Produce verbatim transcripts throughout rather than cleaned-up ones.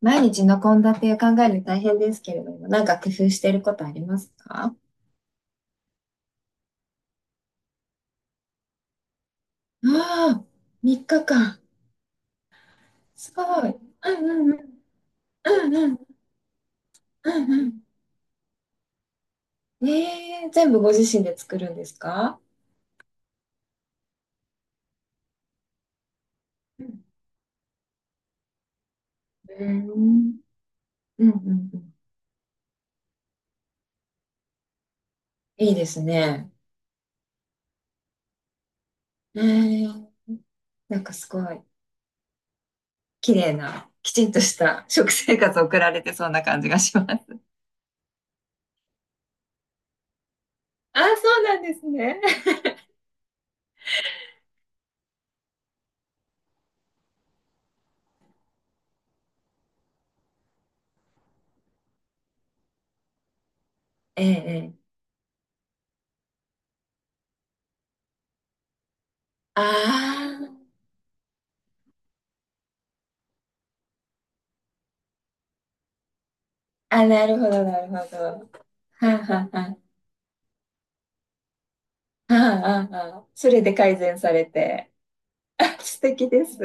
毎日の献立を考えるの大変ですけれども、なんか工夫していることありますか？ああ、さんにちかん。すごい。うんうんうん。うんうん。うんうん。ええ全部ご自身で作るんですか？うんうんうんうんうん。いいですね。ええなんかすごい、綺麗な、きちんとした食生活を送られてそうな感じがします。ああ、そうなんですね。ええええ。ああ、あ、なるほど、なるほど。はあはあは ああ、ああ、それで改善されて。あ、素敵です。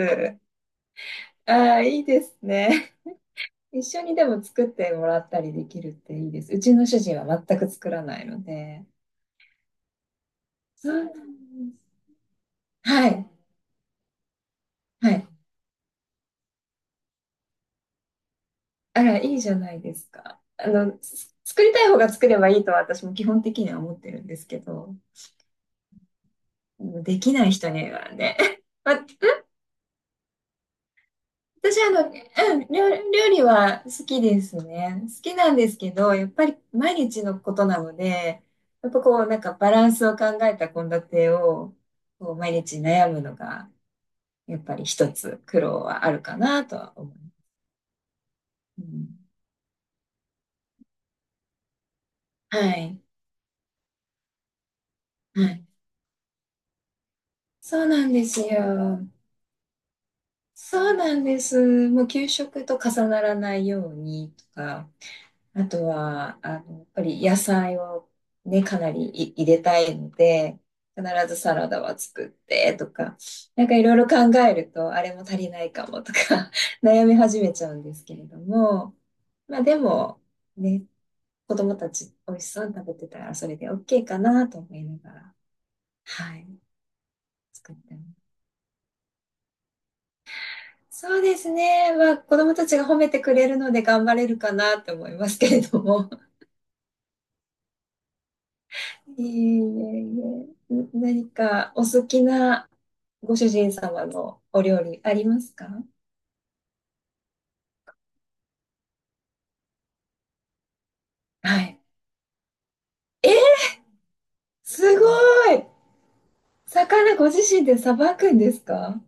ああ、いいですね。一緒にでも作ってもらったりできるっていいです。うちの主人は全く作らないので。そうなんです。はい。はい。あら、いいじゃないですか。あの、す作りたい方が作ればいいとは私も基本的には思ってるんですけど、できない人にはね、ま、私、あの、うん、料、料理は好きですね。好きなんですけど、やっぱり毎日のことなので、やっぱこう、なんかバランスを考えた献立を、こう、毎日悩むのが、やっぱり一つ苦労はあるかなとは思う。うん、はい。はい。そうなんですよ。そうなんです。もう給食と重ならないようにとか、あとは、あの、やっぱり野菜を、ね、かなりい入れたいので、必ずサラダは作ってとか、なんかいろいろ考えると、あれも足りないかもとか 悩み始めちゃうんですけれども、まあでも、ね、子供たち美味しそうに食べてたらそれで OK かなと思いながら、はい、作ってます。そうですね。まあ子供たちが褒めてくれるので頑張れるかなと思いますけれども。いえいえいえ、ん何かお好きなご主人様のお料理ありますか？はい。え、すごい、魚ご自身でさばくんですか？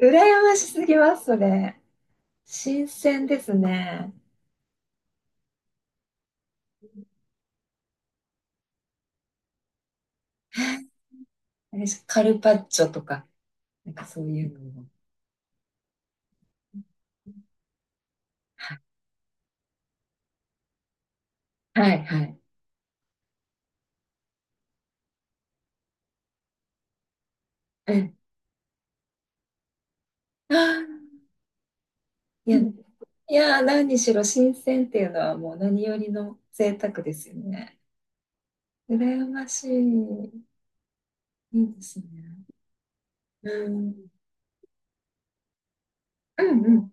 羨ましすぎます、それ。新鮮ですね。あれカルパッチョとか、なんかそういうのも。はい、はい。はいうん。あーいや、いやー、何にしろ新鮮っていうのはもう何よりの贅沢ですよね。羨ましい。いいですね。うん。うんうん。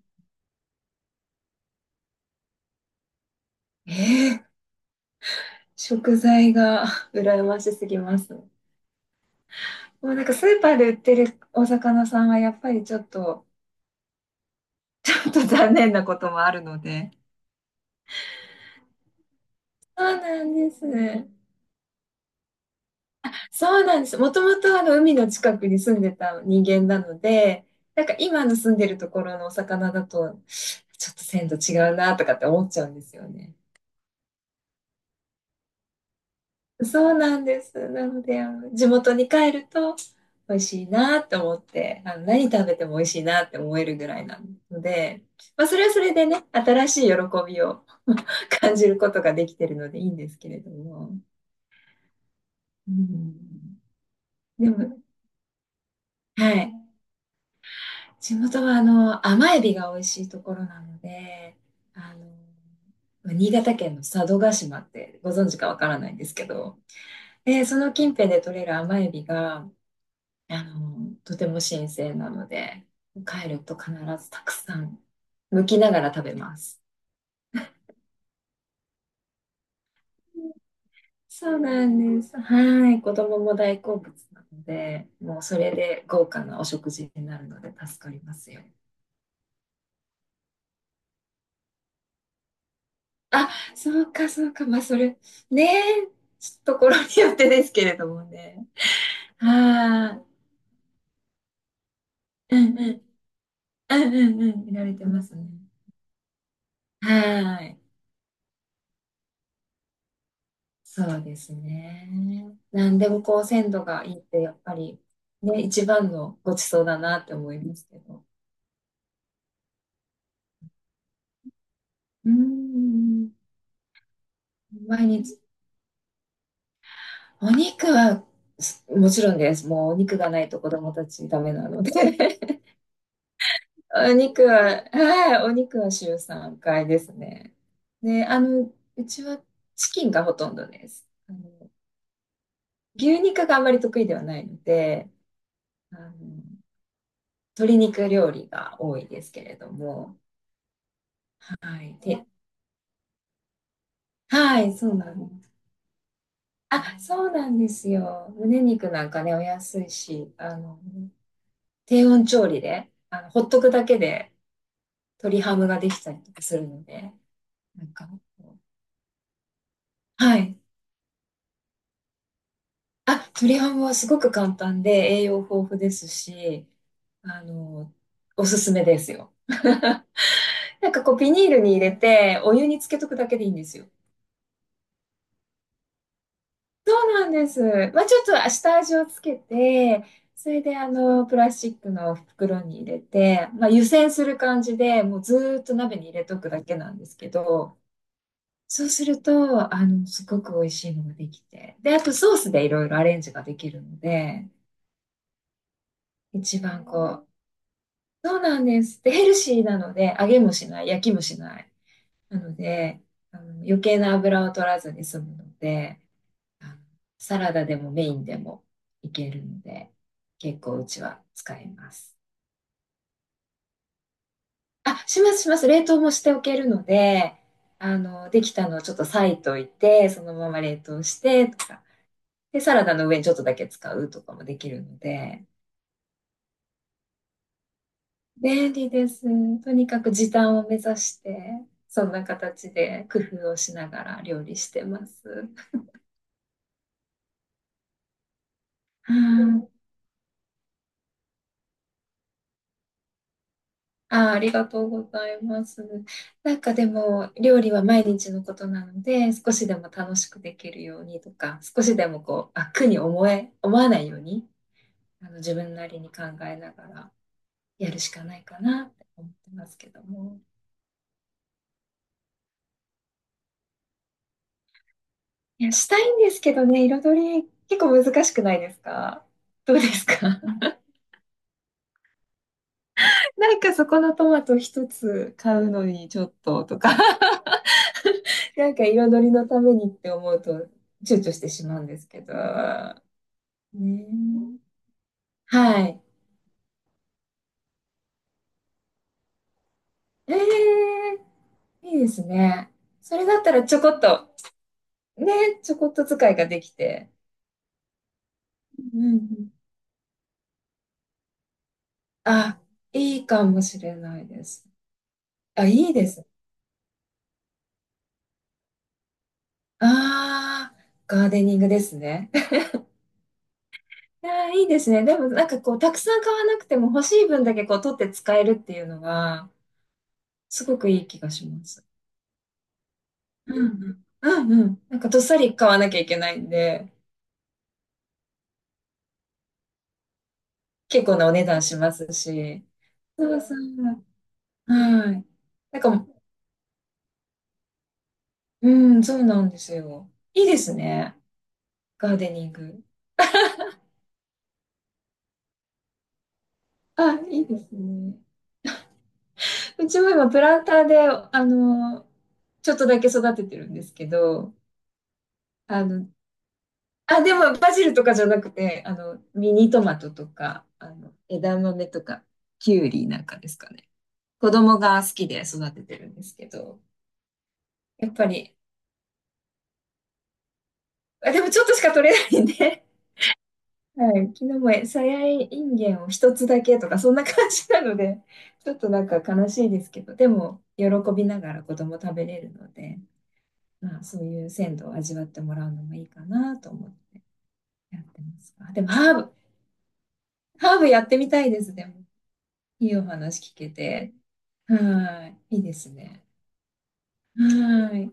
ええ食材が 羨ましすぎます。もうなんかスーパーで売ってるお魚さんはやっぱりちょっと、ちょっと残念なこともあるので。そうなんです。そうなんです。もともとあの海の近くに住んでた人間なので、なんか今の住んでるところのお魚だと、ちょっと鮮度違うなとかって思っちゃうんですよね。そうなんです。なので、あの、地元に帰ると美味しいなって思って、あの、何食べても美味しいなって思えるぐらいなので、まあ、それはそれでね、新しい喜びを 感じることができてるのでいいんですけれども。うん、でも、はい。地元は、あの、甘エビが美味しいところなので、あの、新潟県の佐渡島ってご存知かわからないんですけど、で、その近辺で採れる甘エビが、あの、とても新鮮なので、帰ると必ずたくさん剥きながら食べます。そうなんです。はい。子供も大好物なので、もうそれで豪華なお食事になるので助かりますよ。あ、そうか、そうか。まあ、それ、ねえ、ところによってですけれどもね。はい。うんうん。うんうんうん。見られてますね。はい。そうですね。なんでもこう鮮度がいいってやっぱりね、一番のごちそうだなって思いますけど。うーん。毎日、お肉はすもちろんです。もうお肉がないと子供たちダメなので。お肉は、はい、お肉は週さんかいですね。で、あの、うちはチキンがほとんどです。あの、牛肉があまり得意ではないので、あの、鶏肉料理が多いですけれども、はい、で、はい、そうなんです。あ、そうなんですよ。胸肉なんかね、お安いし、あの、低温調理で、あの、ほっとくだけで鶏ハムができたりとかするので、なんか、はい。あ、鶏ハムはすごく簡単で栄養豊富ですし、あの、おすすめですよ。なんかこう、ビニールに入れて、お湯につけとくだけでいいんですよ。そうなんです。まあ、ちょっと下味をつけて、それであの、プラスチックの袋に入れて、まあ、湯煎する感じで、もうずーっと鍋に入れとくだけなんですけど、そうすると、あの、すごく美味しいのができて。で、あとソースでいろいろアレンジができるので、一番こう、そうなんです。で、ヘルシーなので、揚げもしない、焼きもしない。なので、あの、余計な油を取らずに済むので、あのサラダでもメインでもいけるので、結構うちは使います。あ、しますします。冷凍もしておけるので、あの、できたのをちょっと裂いといて、そのまま冷凍してとか、で、サラダの上にちょっとだけ使うとかもできるので、便利です。とにかく時短を目指して、そんな形で工夫をしながら料理してます。はい、あー、ありがとうございます。なんかでも、料理は毎日のことなので、少しでも楽しくできるようにとか、少しでもこう、あ、苦に思え、思わないように、あの、自分なりに考えながらやるしかないかなって思ってますけども。いや、したいんですけどね、彩り結構難しくないですか？どうですか？ なんかそこのトマト一つ買うのにちょっととか なんか彩りのためにって思うと躊躇してしまうんですけど。ねえはい。ええいいですね。それだったらちょこっと、ね、ちょこっと使いができて。うんうん。あ、いいかもしれないです。あ、いいです。ああ、ガーデニングですね。いやー、いいですね。でもなんかこう、たくさん買わなくても欲しい分だけこう、取って使えるっていうのは、すごくいい気がします。うんうん。うんうん。なんかどっさり買わなきゃいけないんで、結構なお値段しますし。そうそう。はい。なんか、うん、そうなんですよ。いいですね。ガーデニング。あ、いいですね。うちも今、プランターで、あの、ちょっとだけ育ててるんですけど、あの、あ、でも、バジルとかじゃなくて、あの、ミニトマトとか、あの、枝豆とか、キュウリなんかですかね。子供が好きで育ててるんですけど、やっぱり、あ、でもちょっとしか取れないんで、はい、昨日もさやいんげんを一つだけとか、そんな感じなので、ちょっとなんか悲しいですけど、でも、喜びながら子供食べれるので、まあ、そういう鮮度を味わってもらうのもいいかなと思ってやってますが。でも、ハーブ、ハーブやってみたいです、でも。いいお話聞けて。はい、いいですね。はい。